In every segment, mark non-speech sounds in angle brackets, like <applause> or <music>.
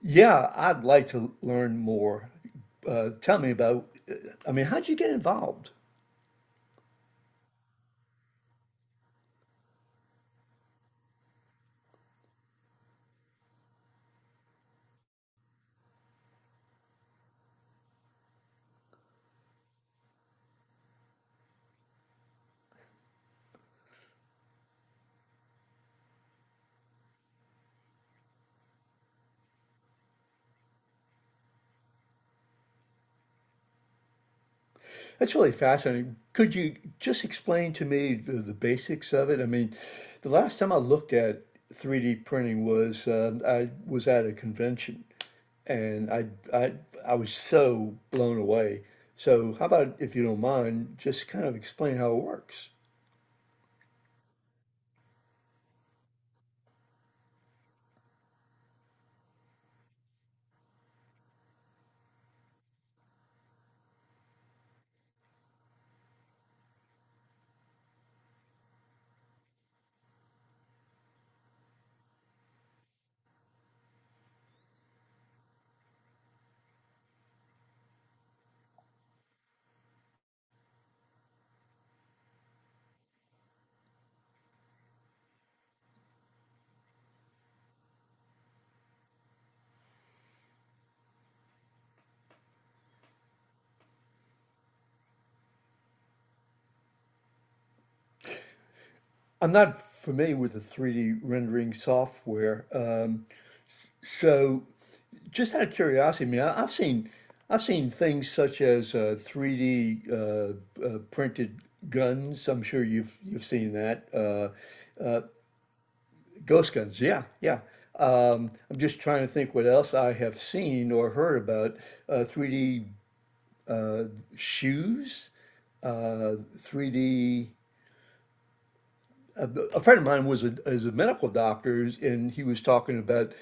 Yeah, I'd like to learn more. Tell me about, how'd you get involved? That's really fascinating. Could you just explain to me the basics of it? I mean, the last time I looked at 3D printing was I was at a convention and I, I was so blown away. So, how about if you don't mind, just kind of explain how it works? I'm not familiar with the 3D rendering software. So, Just out of curiosity, I mean, I've seen things such as 3D printed guns. I'm sure you've seen that. Ghost guns. Yeah, yeah. I'm just trying to think what else I have seen or heard about 3D uh, shoes, 3D a friend of mine is a medical doctor, and he was talking about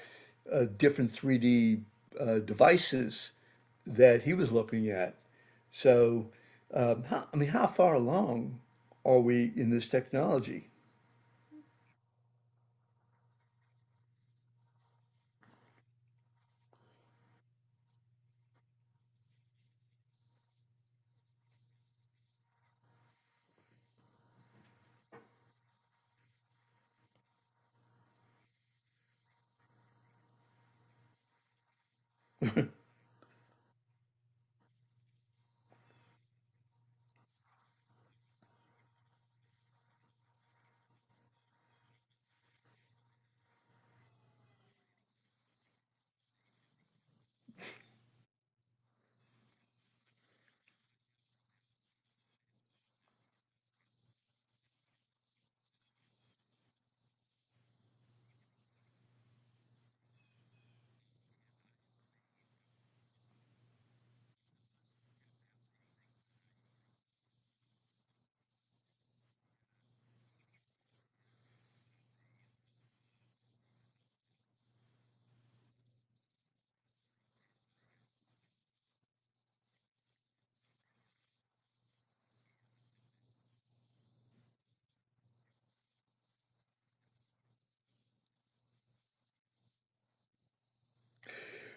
different 3D devices that he was looking at. So, I mean, how far along are we in this technology?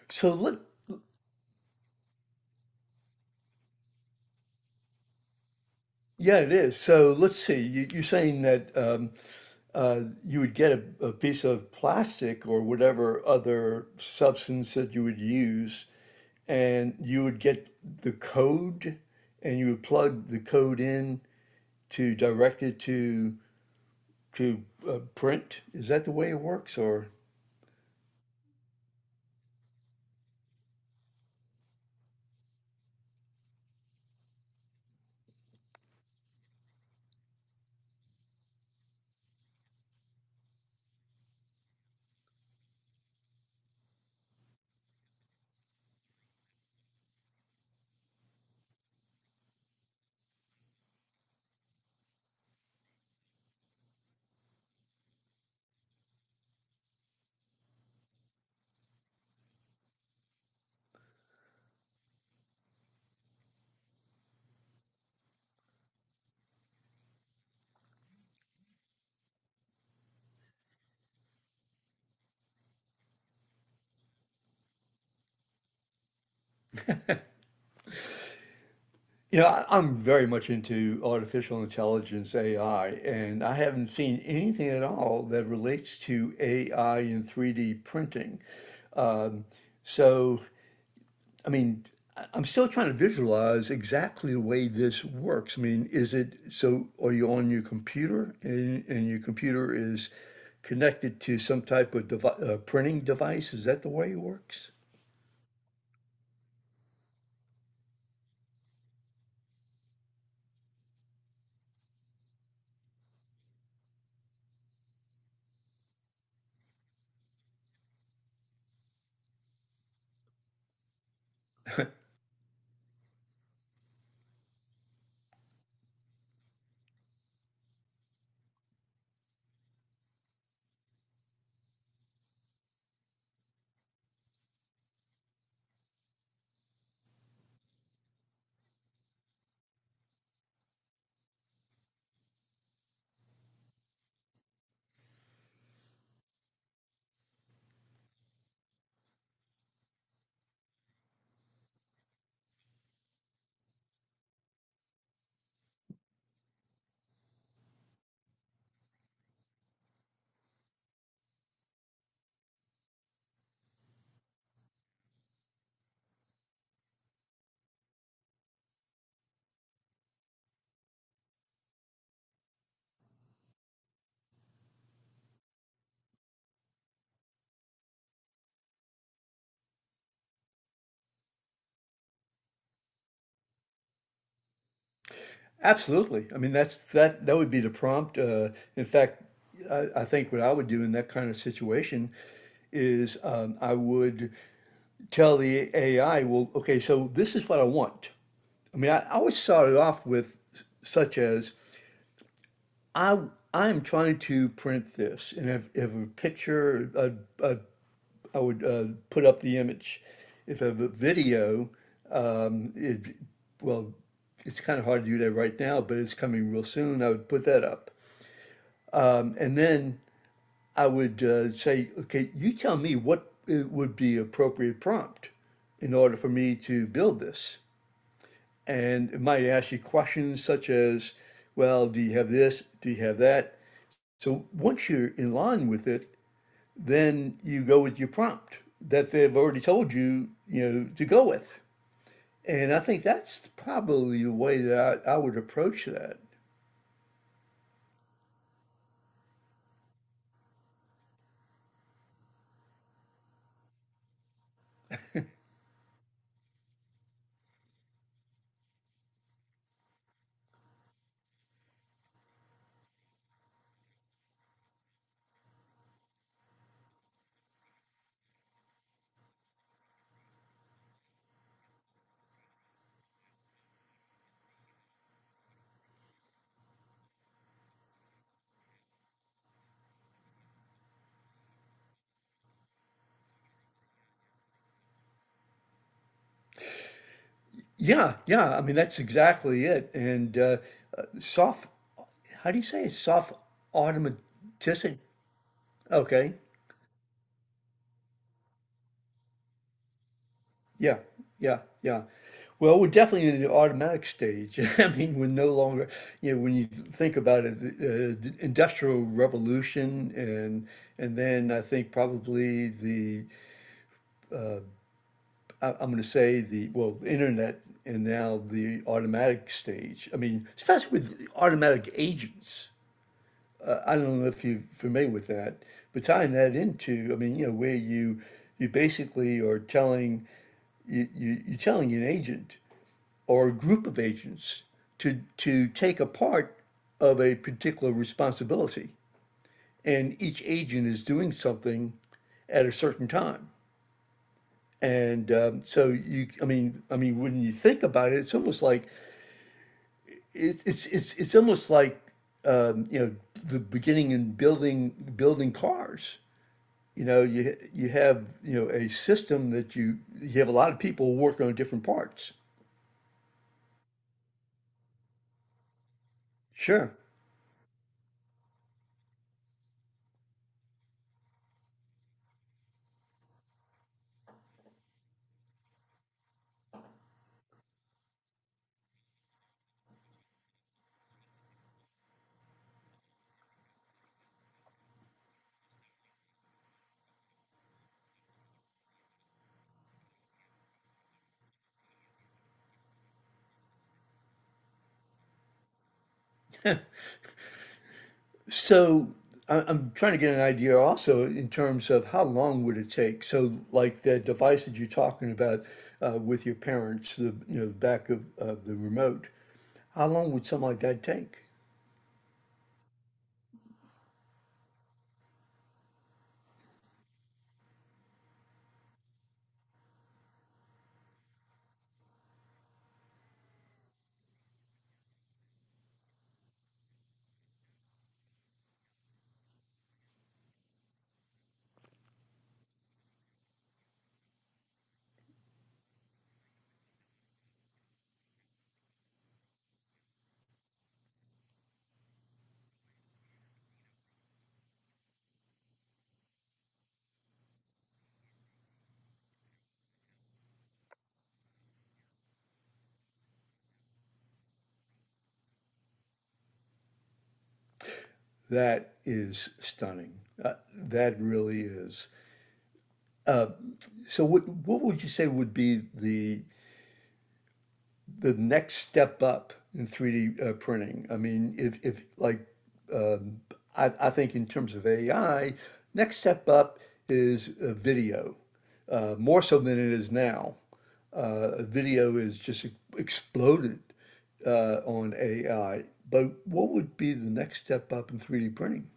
So let, yeah, it is. So let's see. You're saying that. You would get a piece of plastic or whatever other substance that you would use, and you would get the code, and you would plug the code in to direct it to print. Is that the way it works, or you know, I'm very much into artificial intelligence AI, and I haven't seen anything at all that relates to AI and 3D printing. So I mean, I- am still trying to visualize exactly the way this works. I mean, is it so? Are you on your computer, and your computer is connected to some type of devi- printing device? Is that the way it works? Absolutely. I mean, that's that. That would be the prompt. In fact, I think what I would do in that kind of situation is I would tell the AI, "Well, okay, so this is what I want." I mean, I always started off with s- such as I I'm trying to print this, and if a picture, I would put up the image. If I have a video, um, it, well, it's kind of hard to do that right now, but it's coming real soon. I would put that up, and then I would say, okay, you tell me what it would be appropriate prompt in order for me to build this. And it might ask you questions such as, well, do you have this? Do you have that? So once you're in line with it, then you go with your prompt that they've already told you, you know, to go with. And I think that's probably the way that I would approach that. Yeah, yeah. I mean, that's exactly it. And Soft, how do you say it? Soft automaticity. Okay. Yeah, yeah, yeah. Well, we're definitely in the automatic stage. <laughs> I mean, we're no longer, you know, when you think about it, the industrial revolution and then I think probably the I'm going to say the well, internet and now the automatic stage. I mean, especially with automatic agents. I don't know if you're familiar with that, but tying that into, I mean, you know, where you basically are telling you're telling an agent or a group of agents to take a part of a particular responsibility. And each agent is doing something at a certain time. And So you, I mean, when you think about it, it's almost like you know the beginning in building cars. You know, you have you know a system that you have a lot of people working on different parts. Sure. So I- am trying to get an idea also in terms of how long would it take? So like the device that you're talking about with your parents, the you know the back of the remote, how long would something like that take? That is stunning. That really is. So what would you say would be the next step up in 3D printing. I mean, if like, um, I think in terms of AI, next step up is video, more so than it is now. Video is just exploded on AI. But what would be the next step up in 3D printing?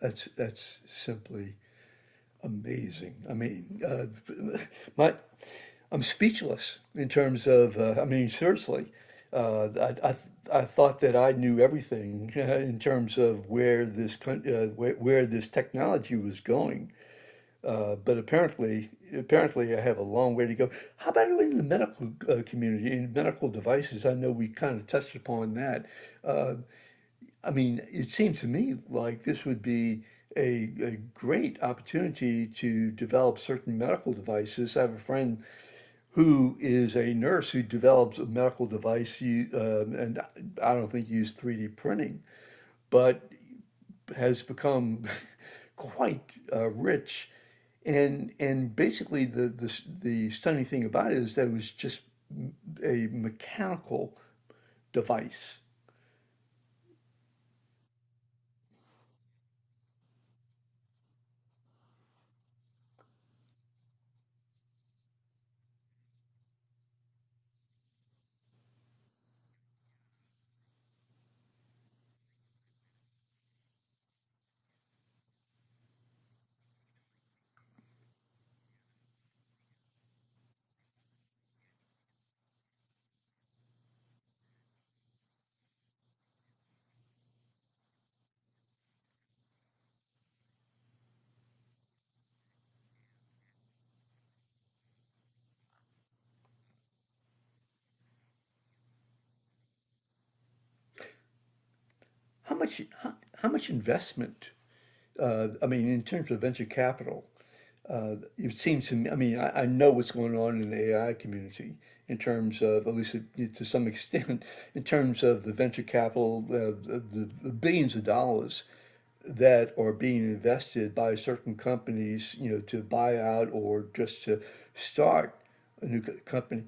That's simply amazing. My, I'm speechless in terms of. I mean, seriously, uh, I, I I thought that I knew everything <laughs> in terms of where this coun- where this technology was going, uh, but apparently, apparently, I have a long way to go. How about in the medical community in medical devices? I know we kind of touched upon that. I mean, it seems to me like this would be a great opportunity to develop certain medical devices. I have a friend who is a nurse who develops a medical device, and I don't think used 3D printing, but has become <laughs> quite rich. And basically, the stunning thing about it is that it was just a mechanical device. How much how, how much investment I mean, in terms of venture capital, it seems to me, I know what's going on in the AI community in terms of, at least to some <laughs> extent, in terms of the venture capital, the billions of dollars that are being invested by certain companies, you know, to buy out or just to start a new company.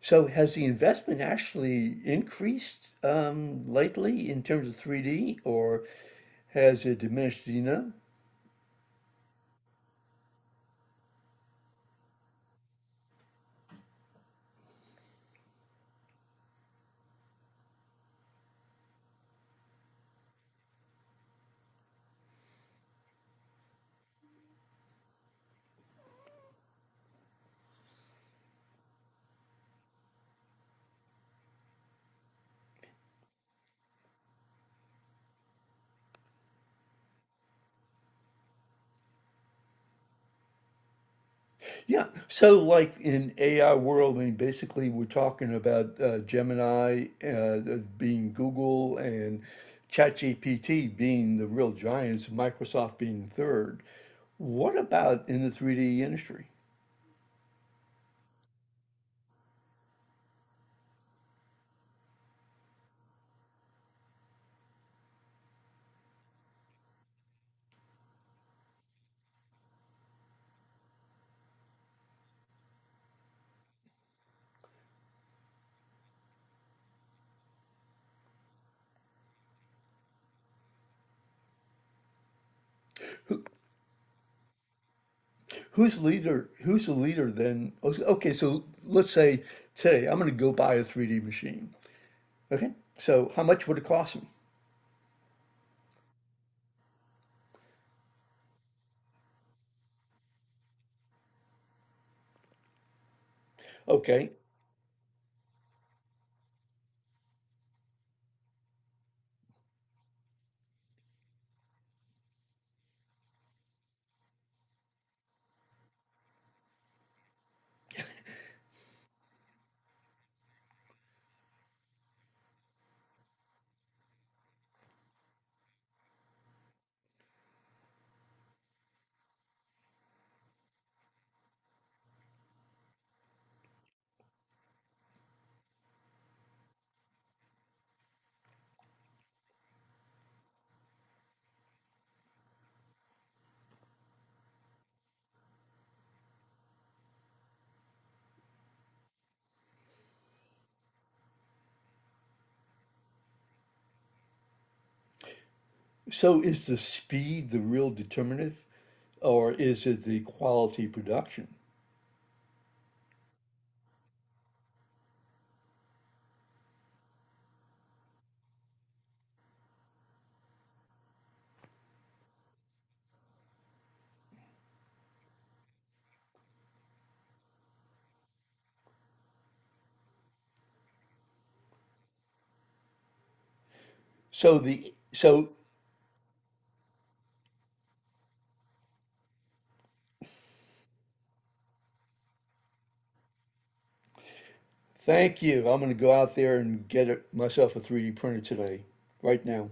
So has the investment actually increased lately in terms of 3D or has it diminished? Do you know? Yeah. So, like in AI world, I mean, basically, we're talking about Gemini being Google and ChatGPT being the real giants, Microsoft being third. What about in the 3D industry? Who's the leader then? Okay, so let's say today I'm going to go buy a 3D machine. Okay, so how much would it cost me? Okay, so is the speed the real determinative, or is it the quality production? So the so Thank you. I'm going to go out there and get it, myself a 3D printer today, right now.